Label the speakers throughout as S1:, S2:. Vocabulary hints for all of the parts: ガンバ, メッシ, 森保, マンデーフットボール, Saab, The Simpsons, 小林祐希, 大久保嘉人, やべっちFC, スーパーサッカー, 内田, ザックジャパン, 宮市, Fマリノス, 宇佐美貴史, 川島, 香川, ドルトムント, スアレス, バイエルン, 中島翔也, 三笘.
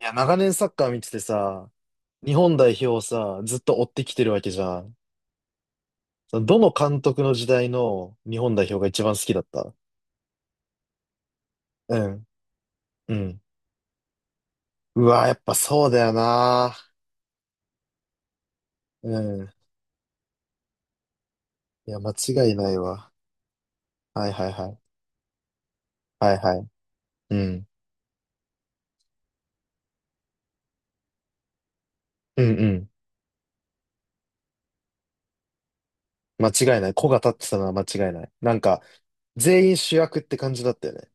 S1: いや、長年サッカー見ててさ、日本代表をさ、ずっと追ってきてるわけじゃん。そのどの監督の時代の日本代表が一番好きだった？うん。うん。うわ、やっぱそうだよな。うん。いや、間違いないわ。はいはいはい。はいはい。うん。うんうん。間違いない。子が立ってたのは間違いない。なんか、全員主役って感じだったよね。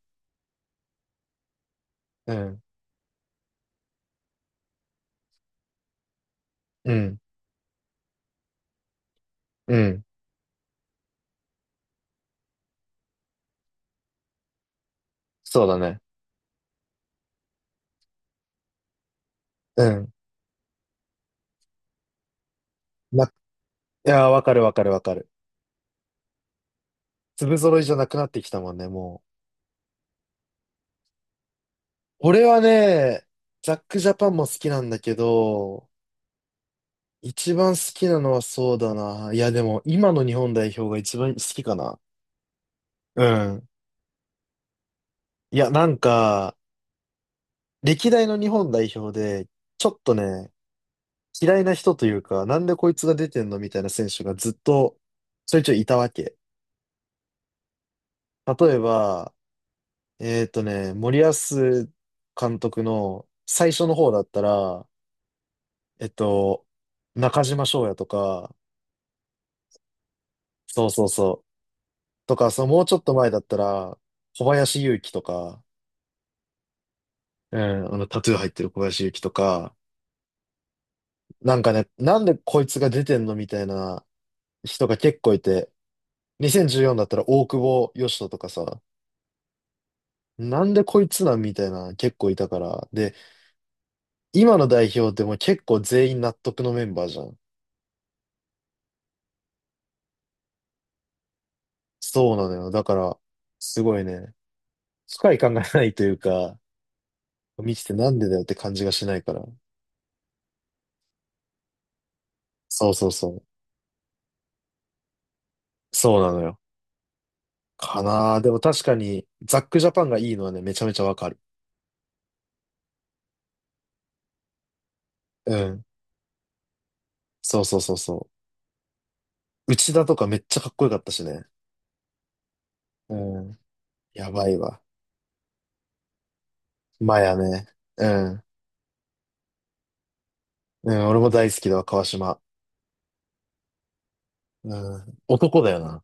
S1: うん。うん。うん。そうだね。うん。いや、わかるわかるわかる。粒揃いじゃなくなってきたもんね、もう。俺はね、ザックジャパンも好きなんだけど、一番好きなのはそうだな。いや、でも今の日本代表が一番好きかな。うん。いや、なんか、歴代の日本代表で、ちょっとね、嫌いな人というか、なんでこいつが出てんのみたいな選手がずっとちょいちょいいたわけ。例えば、森保監督の最初の方だったら、えっと、中島翔也とか、そうそうそう。とか、そのもうちょっと前だったら、小林祐希とか、うん、あの、タトゥー入ってる小林祐希とか、なんかね、なんでこいつが出てんのみたいな人が結構いて、2014だったら大久保嘉人とかさ、なんでこいつなんみたいな結構いたから。で、今の代表でも結構全員納得のメンバーじゃん。そうなのよ。だから、すごいね、深い考えがないというか、見ててなんでだよって感じがしないから。そうそうそう。そうなのよ。かな。でも確かに、ザックジャパンがいいのはね、めちゃめちゃわかる。うん。そうそうそうそう。内田とかめっちゃかっこよかったしね。うん。やばいわ。マヤね。うん。うん、俺も大好きだわ、川島。うん。男だよな。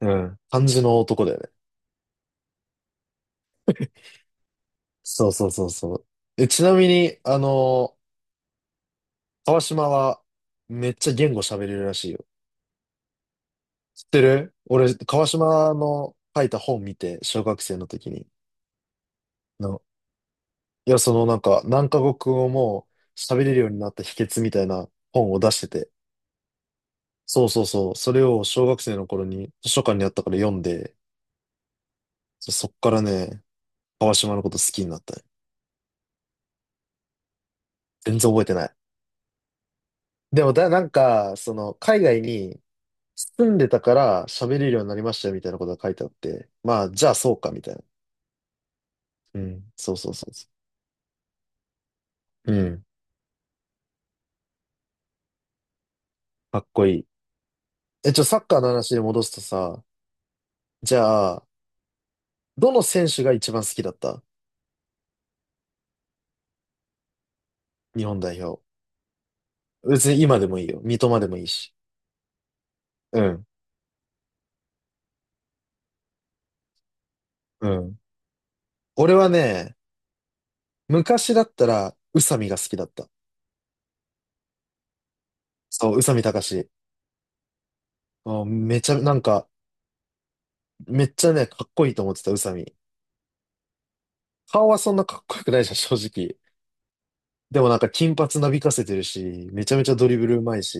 S1: うん。漢字の男だよね。そうそうそうそう。え、ちなみに、川島は、めっちゃ言語喋れるらしいよ。知ってる俺、川島の書いた本見て、小学生の時に。いや、そのなんか、何カ国語も喋れるようになった秘訣みたいな本を出してて。そうそうそう。それを小学生の頃に図書館にあったから読んで、そっからね、川島のこと好きになったね。全然覚えてない。でも、なんか、その、海外に住んでたから喋れるようになりましたよみたいなことが書いてあって、まあ、じゃあそうかみたいな。うん。そうそうそうそう。うん。かっこいい。え、ちょ、サッカーの話に戻すとさ、じゃあ、どの選手が一番好きだった日本代表？別に今でもいいよ。三笘でもいいし。うん。うん。俺はね、昔だったら、宇佐美が好きだった。そう、宇佐美貴史。あめちゃ、なんか、めっちゃね、かっこいいと思ってた、宇佐美。顔はそんなかっこよくないじゃん、正直。でもなんか、金髪なびかせてるし、めちゃめちゃドリブルうまいし、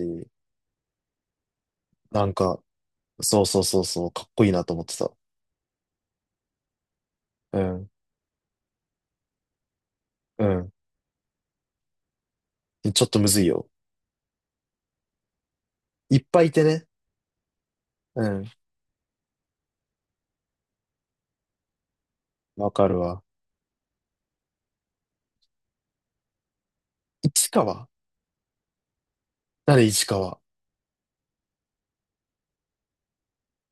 S1: なんか、そうそうそうそう、かっこいいなと思ってた。うん。うん。ちょっとむずいよ。いっぱいいてね。うん。わかるわ。市川？誰市川？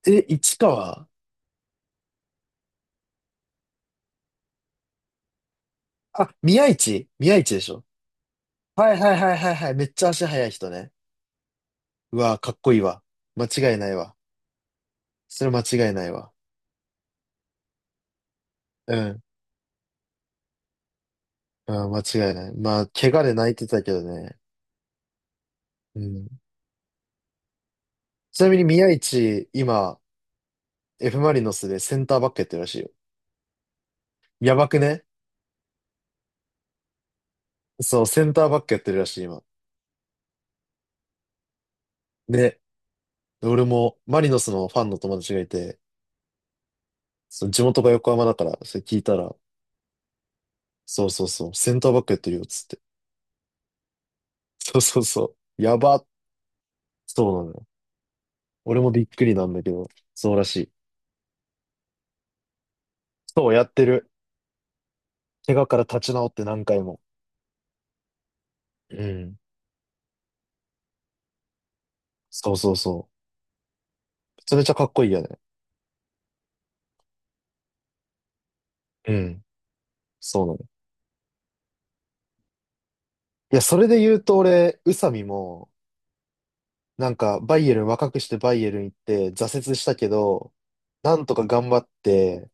S1: え、市川？あ、宮市宮市でしょ？はいはいはいはいはい。めっちゃ足速い人ね。うわ、かっこいいわ。間違いないわ。それ間違いないわ。うん。うん、間違いない。まあ、怪我で泣いてたけどね。うん。ちなみに宮市、今、F マリノスでセンターバックやってるらしいよ。やばくね？そう、センターバックやってるらしい、今。ね。俺も、マリノスのファンの友達がいて、その地元が横浜だから、それ聞いたら、そうそうそう、センターバックやってるよ、つって。そうそうそう。やば。そうなのよ。俺もびっくりなんだけど、そうらしい。そう、やってる。怪我から立ち直って何回も。うん。そうそうそう。めちゃめちゃかっこいいよね。うん。そうなの。いや、それで言うと俺、宇佐美も、なんか、バイエルン、若くしてバイエルン行って挫折したけど、なんとか頑張って、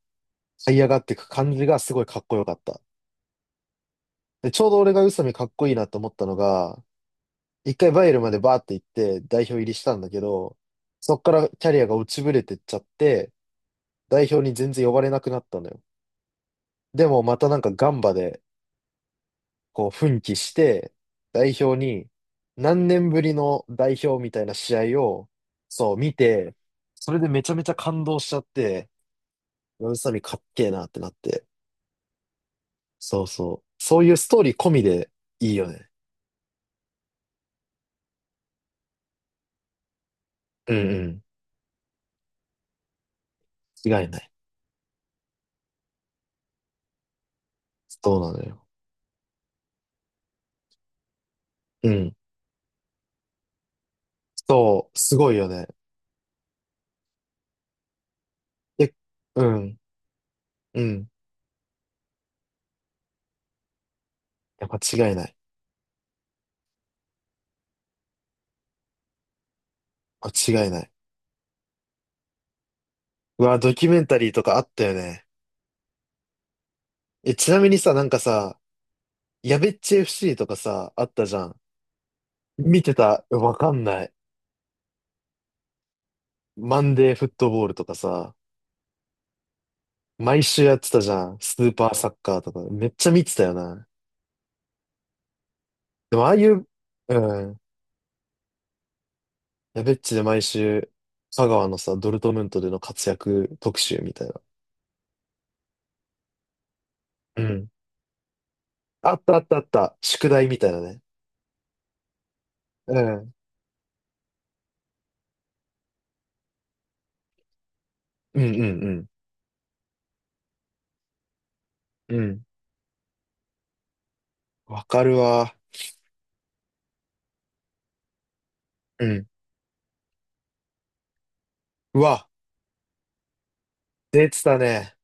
S1: 這い上がっていく感じがすごいかっこよかった。で、ちょうど俺が宇佐美かっこいいなと思ったのが、一回バイエルンまでバーって行って代表入りしたんだけど、そっからキャリアが落ちぶれてっちゃって、代表に全然呼ばれなくなったのよ。でもまたなんかガンバでこう奮起して、代表に何年ぶりの代表みたいな試合をそう見て、それでめちゃめちゃ感動しちゃって、宇佐美かっけえなってなって。そうそう。そういうストーリー込みでいいよね。うんうん。違いない。そうなのよ。うん。そう、すごいよね。え、うん、うん。やっぱ違いない。間違いない。うわ、ドキュメンタリーとかあったよね。え、ちなみにさ、なんかさ、やべっち FC とかさ、あったじゃん。見てたわかんない。マンデーフットボールとかさ、毎週やってたじゃん。スーパーサッカーとか。めっちゃ見てたよな。でもああいう、うん。やべっちで毎週、香川のさ、ドルトムントでの活躍特集みたいな。うん。あったあったあった。宿題みたいなね。うん。うんうんうん。うん。わかるわ。うん。うわ、出てたね。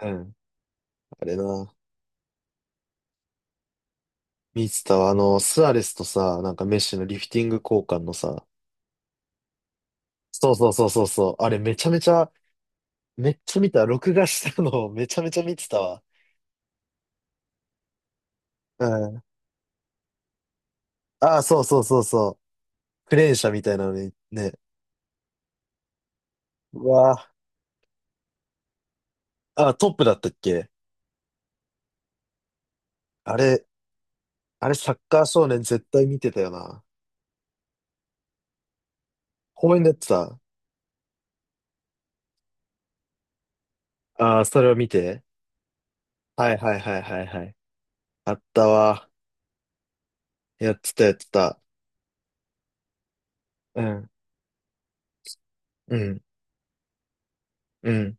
S1: うん。あれな。見てたわ。あの、スアレスとさ、なんかメッシのリフティング交換のさ、そうそうそうそうそう。あれめちゃめちゃ、めっちゃ見た。録画したのを めちゃめちゃ見てたわ。うん。ああ、そうそうそうそう。クレーン車みたいなのに、ね。うわあ。あー、トップだったっけ？あれ、あれサッカー少年絶対見てたよな。公園でやってた。ああ、それを見て。はいはいはいはいはい。あったわ。やってたやってた。うん。うん。うん。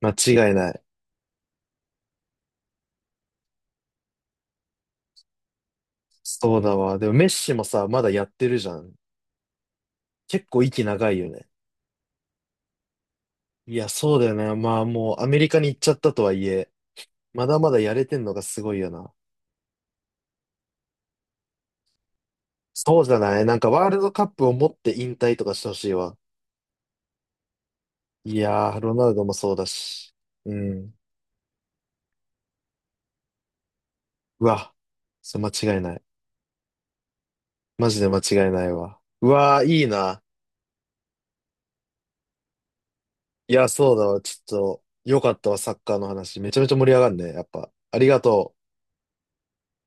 S1: 間違いない。そうだわ。でもメッシもさ、まだやってるじゃん。結構息長いよね。いや、そうだよね。まあもうアメリカに行っちゃったとはいえ、まだまだやれてんのがすごいよな。そうじゃないなんかワールドカップを持って引退とかしてほしいわ。いやー、ロナウドもそうだし。うん。うわ。それ間違いない。マジで間違いないわ。うわー、いいな。いや、そうだわ。ちょっと、よかったわ、サッカーの話。めちゃめちゃ盛り上がるね。やっぱ。ありがとう。